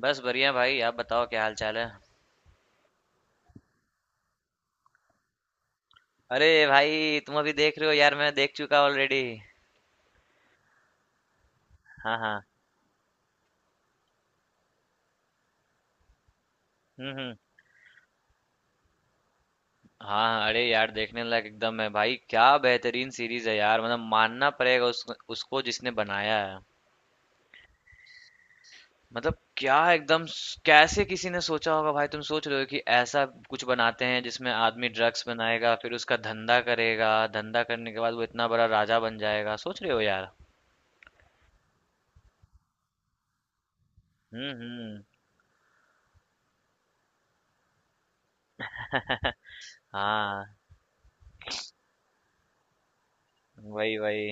बस बढ़िया भाई। आप बताओ, क्या हाल चाल है? अरे भाई, तुम अभी देख रहे हो? यार मैं देख चुका ऑलरेडी। हाँ हाँ। हम्म हम्म हाँ हाँ, अरे यार देखने लायक एकदम है भाई। क्या बेहतरीन सीरीज है यार। मतलब मानना पड़ेगा उसको जिसने बनाया है। मतलब क्या एकदम कैसे किसी ने सोचा होगा भाई। तुम सोच रहे हो कि ऐसा कुछ बनाते हैं जिसमें आदमी ड्रग्स बनाएगा फिर उसका धंधा करेगा। धंधा करने के बाद वो इतना बड़ा राजा बन जाएगा। सोच रहे हो यार। हम्म हम्म हाँ, वही वही।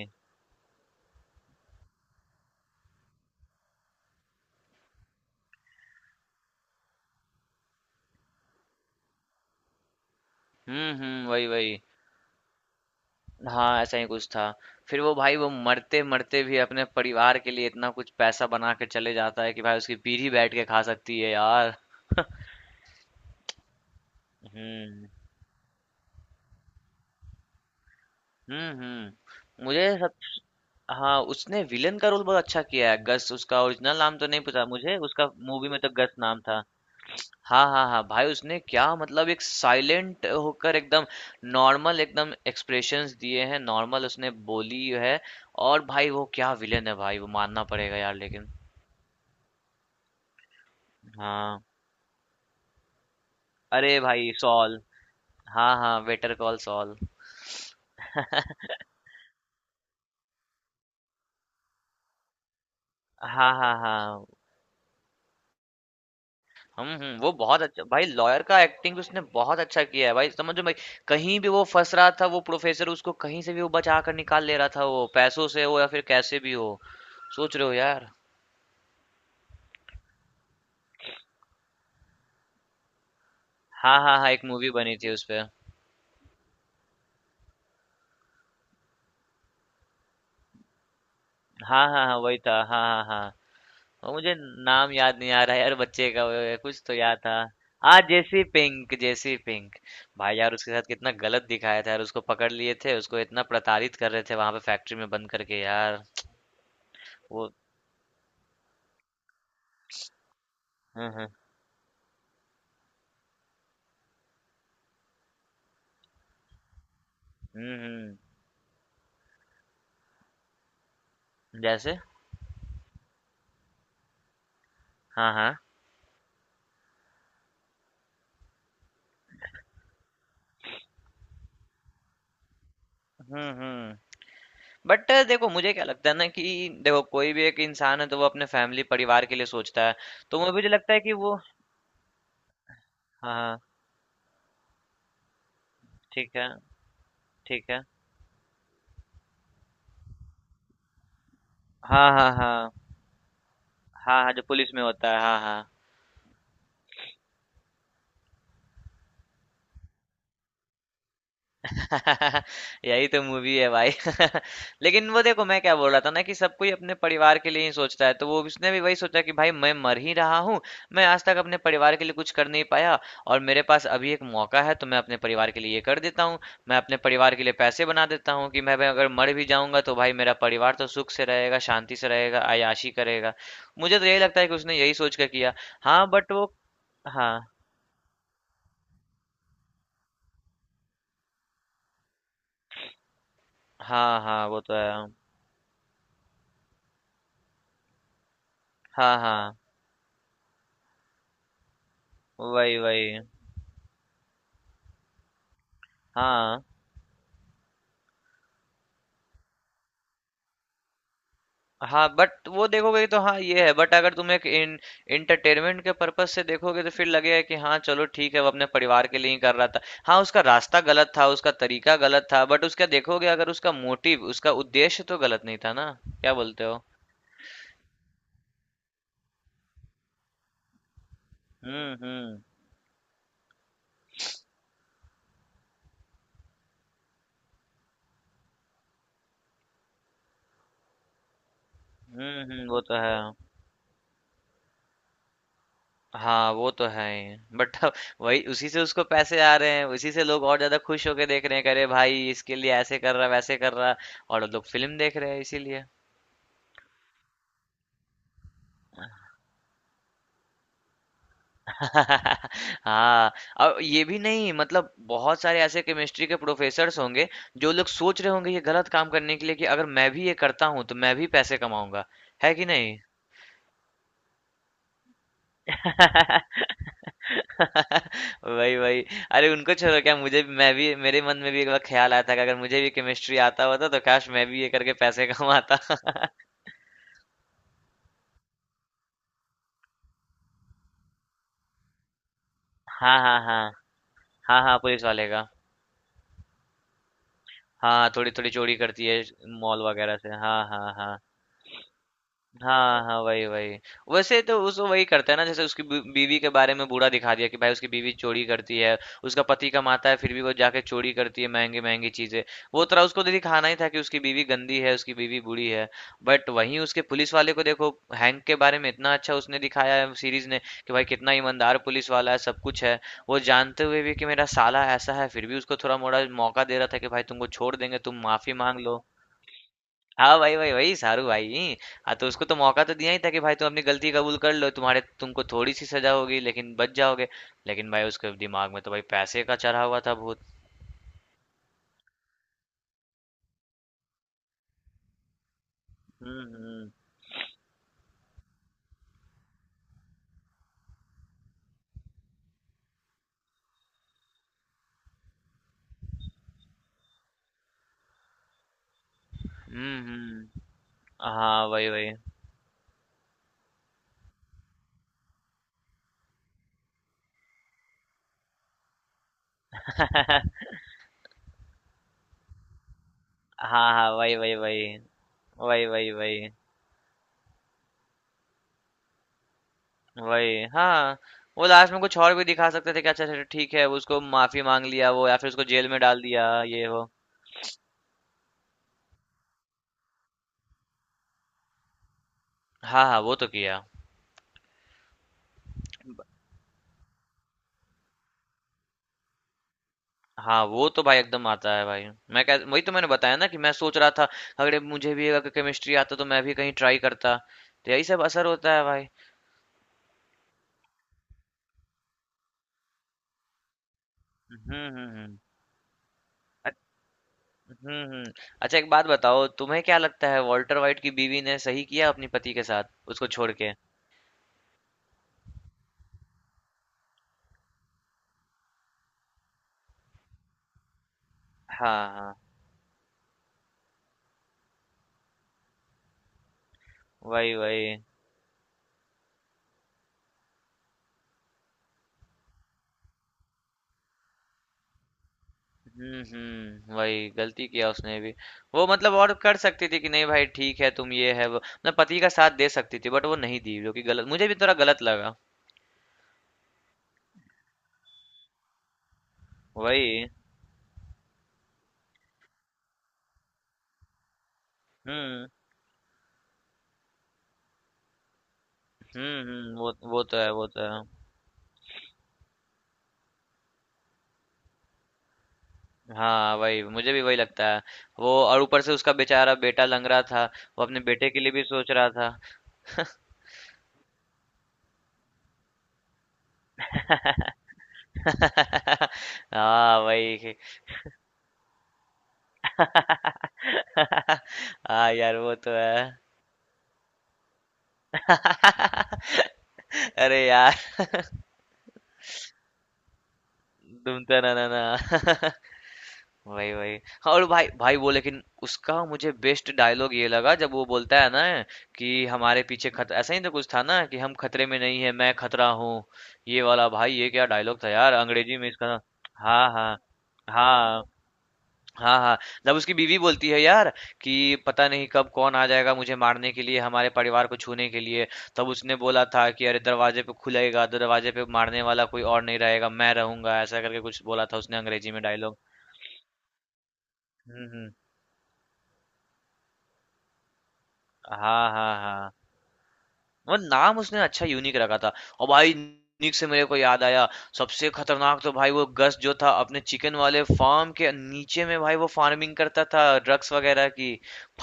वही वही। हाँ, ऐसा ही कुछ था। फिर वो भाई वो मरते-मरते भी अपने परिवार के लिए इतना कुछ पैसा बना के चले जाता है कि भाई उसकी पीढ़ी बैठ के खा सकती है यार। हम्म, हुँ, हुँ। मुझे सब। हाँ, उसने विलेन का रोल बहुत अच्छा किया है। गस, उसका ओरिजिनल नाम तो नहीं पता मुझे, उसका मूवी में तो गस नाम था। हाँ, हाँ, हाँ, भाई उसने क्या मतलब एक साइलेंट होकर एकदम नॉर्मल एकदम एक्सप्रेशंस दिए हैं, नॉर्मल उसने बोली है। और भाई वो क्या विलेन है भाई, वो मानना पड़ेगा यार लेकिन। हाँ। अरे भाई सॉल। हाँ हाँ, बेटर कॉल सॉल। हाँ हाँ हाँ। हम वो बहुत अच्छा भाई, लॉयर का एक्टिंग उसने बहुत अच्छा किया है भाई, समझो भाई। कहीं भी वो फंस रहा था वो प्रोफेसर, उसको कहीं से भी वो बचा कर निकाल ले रहा था। वो पैसों से हो या फिर कैसे भी हो। सोच रहे हो यार। हाँ हाँ हाँ, एक मूवी बनी थी उस पे। हाँ हाँ हाँ, वही था। हाँ हाँ हाँ। और मुझे नाम याद नहीं आ रहा है यार बच्चे का। कुछ तो याद था। हाँ, जेसी पिंक, जेसी पिंक। भाई यार उसके साथ कितना गलत दिखाया था यार। उसको पकड़ लिए थे, उसको इतना प्रताड़ित कर रहे थे वहां पे फैक्ट्री में बंद करके यार। वो हम्म हम्म हम्म हम्म, जैसे। हाँ हाँ। हम्म हम्म बट देखो मुझे क्या लगता है ना कि देखो कोई भी एक इंसान है तो वो अपने फैमिली परिवार के लिए सोचता है। तो मुझे भी लगता है कि वो हाँ हाँ। ठीक है, ठीक है। हाँ हाँ हाँ। हाँ हाँ, जो पुलिस में होता है, हाँ हाँ। यही तो मूवी है भाई। लेकिन वो देखो, मैं क्या बोल रहा था ना कि सब कोई अपने परिवार के लिए ही सोचता है। तो वो उसने भी वही सोचा कि भाई मैं मर ही रहा हूँ। मैं आज तक अपने परिवार के लिए कुछ कर नहीं पाया। और मेरे पास अभी एक मौका है, तो मैं अपने परिवार के लिए ये कर देता हूँ। मैं अपने परिवार के लिए पैसे बना देता हूँ कि मैं भाई अगर मर भी जाऊंगा तो भाई मेरा परिवार तो सुख से रहेगा, शांति से रहेगा, आयाशी करेगा। मुझे तो यही लगता है कि उसने यही सोच कर किया। हाँ बट वो हाँ। हाँ हाँ, वो तो है। हाँ हाँ, वही वही। हाँ हाँ बट वो देखोगे तो हाँ ये है। बट अगर तुम एक इन इंटरटेनमेंट के पर्पज से देखोगे तो फिर लगेगा कि हाँ चलो ठीक है, वो अपने परिवार के लिए ही कर रहा था। हाँ, उसका रास्ता गलत था, उसका तरीका गलत था, बट उसका देखोगे अगर उसका मोटिव, उसका उद्देश्य तो गलत नहीं था ना। क्या बोलते हो? हम्म हम्म वो तो है। हाँ वो तो है ही। बट अब वही, उसी से उसको पैसे आ रहे हैं, उसी से लोग और ज्यादा खुश होके देख रहे हैं, करे भाई इसके लिए ऐसे कर रहा वैसे कर रहा। और लोग फिल्म देख रहे हैं इसीलिए। हाँ। और ये भी नहीं, मतलब बहुत सारे ऐसे केमिस्ट्री के प्रोफेसर्स होंगे जो लोग सोच रहे होंगे ये गलत काम करने के लिए कि अगर मैं भी ये करता हूँ तो मैं भी पैसे कमाऊंगा। है कि नहीं? वही वही। अरे उनको छोड़ो, क्या मुझे भी, मैं भी मेरे मन में भी एक बार ख्याल आया था कि अगर मुझे भी केमिस्ट्री आता होता तो काश मैं भी ये करके पैसे कमाता। हाँ हाँ हाँ। हाँ हाँ, पुलिस वाले का। हाँ, थोड़ी थोड़ी चोरी करती है मॉल वगैरह से। हाँ हाँ हाँ। हाँ हाँ, वही वही। वैसे तो उस वही करता है ना, जैसे उसकी बीवी के बारे में बुरा दिखा दिया कि भाई उसकी बीवी चोरी करती है। उसका पति कमाता है फिर भी वो जाके चोरी करती है महंगी महंगी चीजें। वो तरह उसको तो दिखाना ही था कि उसकी बीवी गंदी है, उसकी बीवी बुरी है। बट वहीं उसके पुलिस वाले को देखो, हैंक के बारे में इतना अच्छा उसने दिखाया है सीरीज ने कि भाई कितना ईमानदार पुलिस वाला है, सब कुछ है। वो जानते हुए भी कि मेरा साला ऐसा है फिर भी उसको थोड़ा मोड़ा मौका दे रहा था कि भाई तुमको छोड़ देंगे, तुम माफी मांग लो। हाँ भाई भाई, वही सारू भाई। हाँ, तो उसको तो मौका तो दिया ही था कि भाई तुम अपनी गलती कबूल कर लो, तुम्हारे तुमको थोड़ी सी सजा होगी लेकिन बच जाओगे। लेकिन भाई उसके दिमाग में तो भाई पैसे का चढ़ा हुआ था भूत। हम्म हम्म हम्म हम्म, हाँ वही वही। हाँ हाँ, वही वही वही। वही वही वही। वही हाँ। वो लास्ट में कुछ और भी दिखा सकते थे कि अच्छा चलो ठीक है, उसको माफी मांग लिया वो, या फिर उसको जेल में डाल दिया ये वो। हाँ हाँ, वो तो किया। हाँ, वो तो भाई एकदम आता है भाई। मैं कह वही तो मैंने बताया ना कि मैं सोच रहा था, अगर मुझे भी अगर केमिस्ट्री आता तो मैं भी कहीं ट्राई करता। तो यही सब असर होता है भाई। हम्म हम्म हम्म। अच- हम्म हम्म। अच्छा एक बात बताओ, तुम्हें क्या लगता है वॉल्टर वाइट की बीवी ने सही किया अपनी पति के साथ उसको छोड़ के? हाँ हाँ, वही वही। वही गलती किया उसने भी। वो मतलब और कर सकती थी कि नहीं भाई ठीक है तुम ये है, वो मतलब पति का साथ दे सकती थी बट वो नहीं दी, जो कि गलत, मुझे भी थोड़ा गलत लगा। वही। हम्म हुँ, हुँ, वो तो है, वो तो है। हाँ, वही मुझे भी वही लगता है। वो और ऊपर से उसका बेचारा बेटा लंग रहा था, वो अपने बेटे के लिए भी सोच रहा था। हाँ, वही। हाँ यार, वो तो है। अरे यार, तुम तो ना ना ना। वही वही। हाँ, और भाई भाई वो, लेकिन उसका मुझे बेस्ट डायलॉग ये लगा जब वो बोलता है ना कि हमारे पीछे खतरा, ऐसा ही तो कुछ था ना कि हम खतरे में नहीं है, मैं खतरा हूँ। ये वाला भाई, ये क्या डायलॉग था यार अंग्रेजी में इसका। हाँ हाँ। हाँ। हाँ हाँ। जब उसकी बीवी बोलती है यार कि पता नहीं कब कौन आ जाएगा मुझे मारने के लिए, हमारे परिवार को छूने के लिए, तब उसने बोला था कि अरे दरवाजे पे खुलेगा दरवाजे पे, मारने वाला कोई और नहीं रहेगा, मैं रहूंगा, ऐसा करके कुछ बोला था उसने अंग्रेजी में डायलॉग। हम्म हम्म हाँ हाँ हाँ। वो नाम उसने अच्छा यूनिक रखा था। और भाई यूनिक से मेरे को याद आया, सबसे खतरनाक तो भाई वो गस जो था, अपने चिकन वाले फार्म के नीचे में भाई वो फार्मिंग करता था ड्रग्स वगैरह की।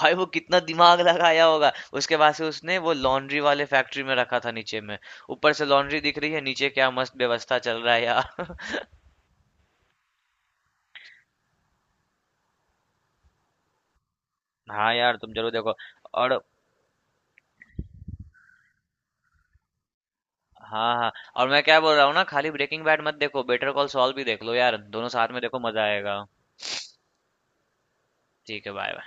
भाई वो कितना दिमाग लगाया होगा। उसके बाद से उसने वो लॉन्ड्री वाले फैक्ट्री में रखा था नीचे में। ऊपर से लॉन्ड्री दिख रही है, नीचे क्या मस्त व्यवस्था चल रहा है यार। हाँ यार तुम जरूर देखो। और हाँ हाँ। और मैं क्या बोल रहा हूँ ना, खाली ब्रेकिंग बैड मत देखो, बेटर कॉल सॉल भी देख लो यार, दोनों साथ में देखो, मजा आएगा। ठीक है बाय।